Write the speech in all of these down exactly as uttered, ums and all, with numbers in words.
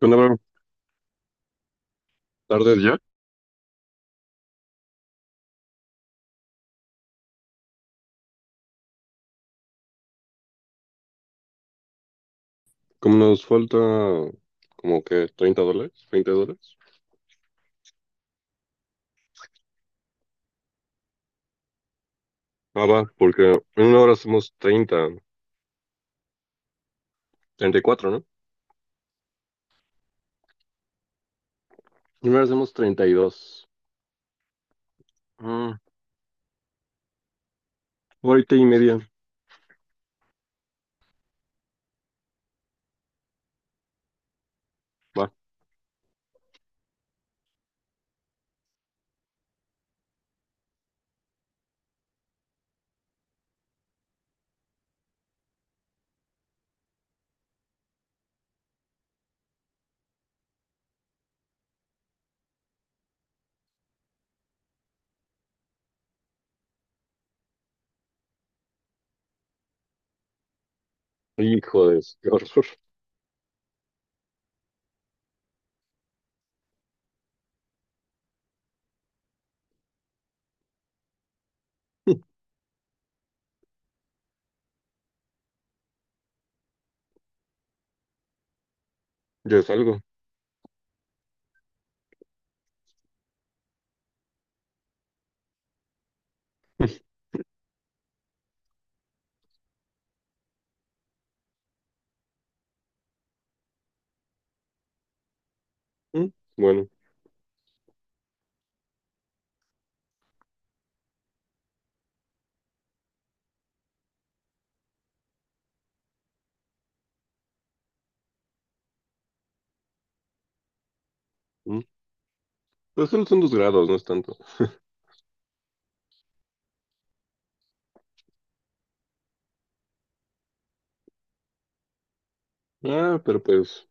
Bueno, bro, tardes ya. Como nos falta como que treinta dólares, veinte dólares. Ah, va, porque en una hora hacemos treinta, treinta y cuatro, ¿no? En una hora hacemos treinta y dos. Ah, ahorita y media. Va. Hijo de su- qué horror. Ya es algo. Mm. Bueno. Mm. Pero solo son dos grados, no es tanto. Ah, pero pues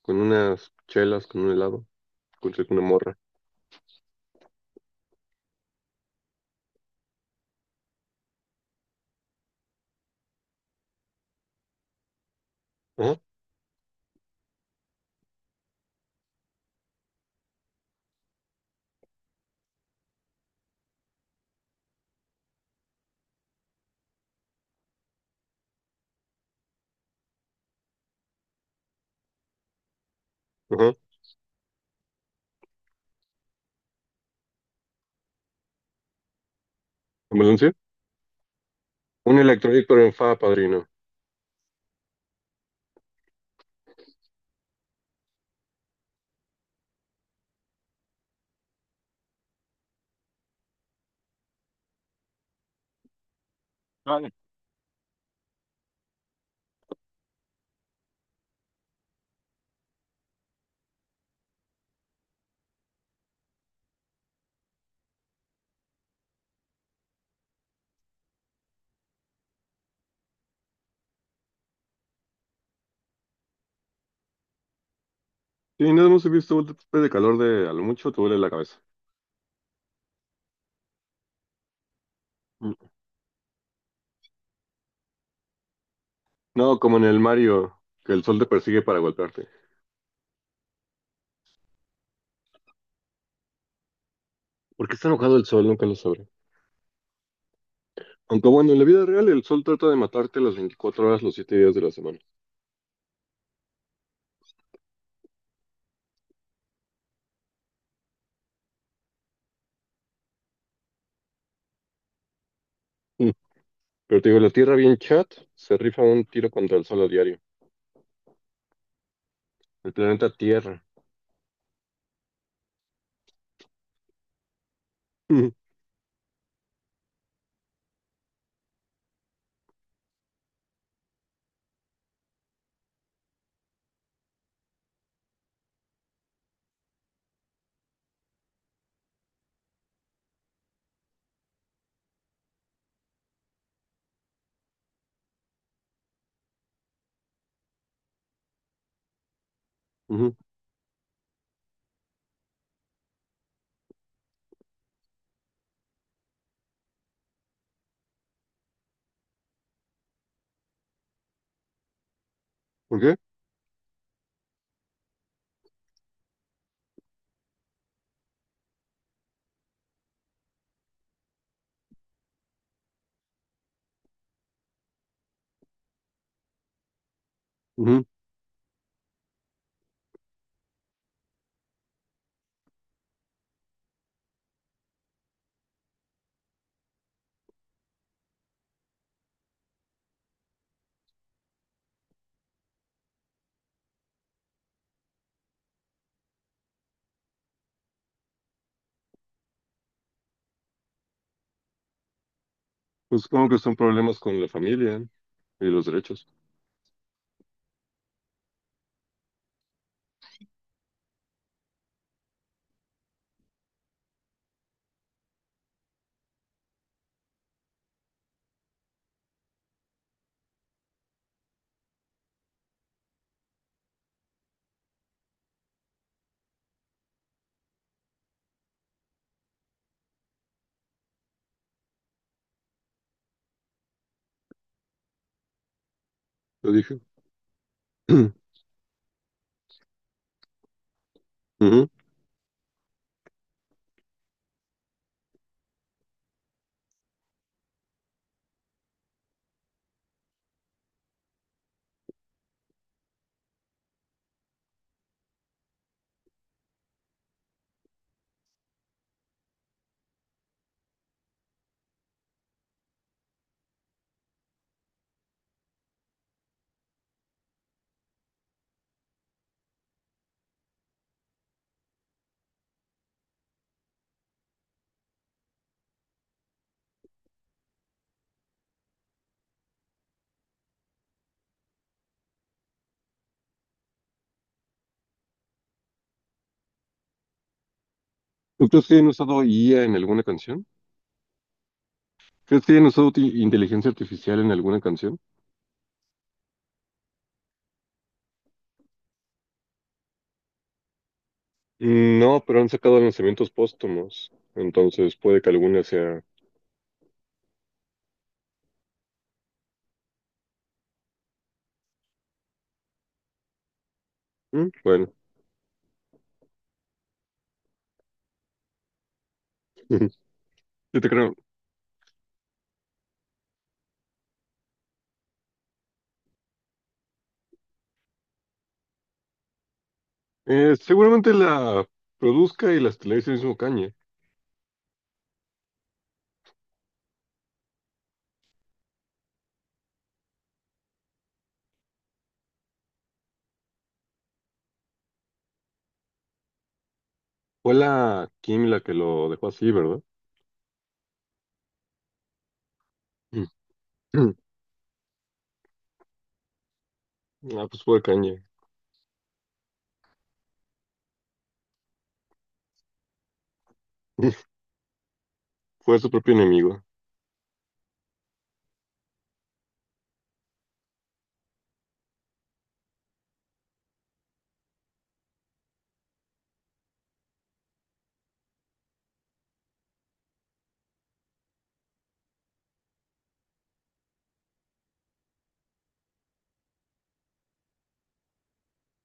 con unas chelas, con un helado, con una morra. Ajá, ajá. ¿Ambulancia? Un electrolito en fa, padrino. Sí, nada más he visto un golpe de calor de a lo mucho te duele la cabeza. Mm. No, como en el Mario, que el sol te persigue para golpearte. ¿Por qué está enojado el sol? Nunca lo sabré. Aunque bueno, en la vida real el sol trata de matarte las veinticuatro horas, los siete días de la semana. Mm. Pero te digo, la Tierra bien chat se rifa un tiro contra el sol a diario. El planeta Tierra. Ujú, ujú. ¿Por qué? Ujú. Pues supongo que son problemas con la familia y los derechos. Lo dije. Ujú. ¿Tú crees que hayan usado I A en alguna canción? ¿Crees que hayan usado ti- inteligencia artificial en alguna canción? Mm. No, pero han sacado lanzamientos póstumos, entonces puede que alguna sea... Mm. Bueno. Yo te creo. Eh, seguramente la produzca y las televisiones el mismo Kanye. Fue la Kim la que lo dejó así, ¿verdad? Mm. Ah, pues fue Kanye. Fue su propio enemigo.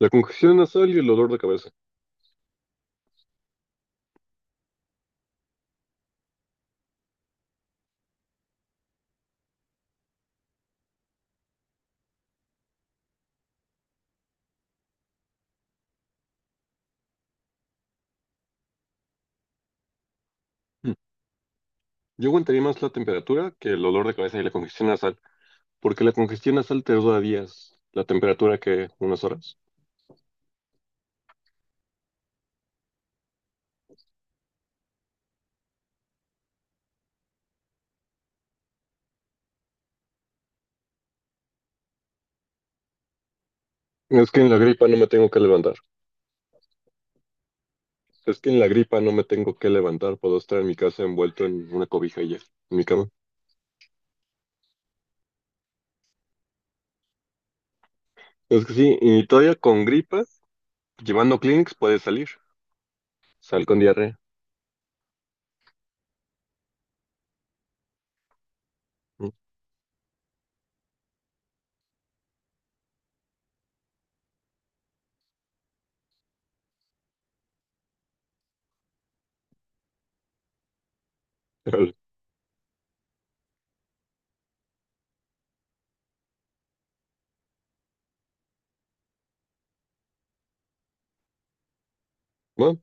La congestión nasal y el dolor de cabeza. Mm. Yo aguantaría más la temperatura que el dolor de cabeza y la congestión nasal, porque la congestión nasal te dura días, la temperatura que unas horas. Es que en la gripa no me tengo que levantar. Es que en la gripa no me tengo que levantar. Puedo estar en mi casa envuelto en una cobija y ya, en mi cama. Es que sí, y todavía con gripa, llevando Kleenex puedes salir. Sal con diarrea. Mm, órale. Va.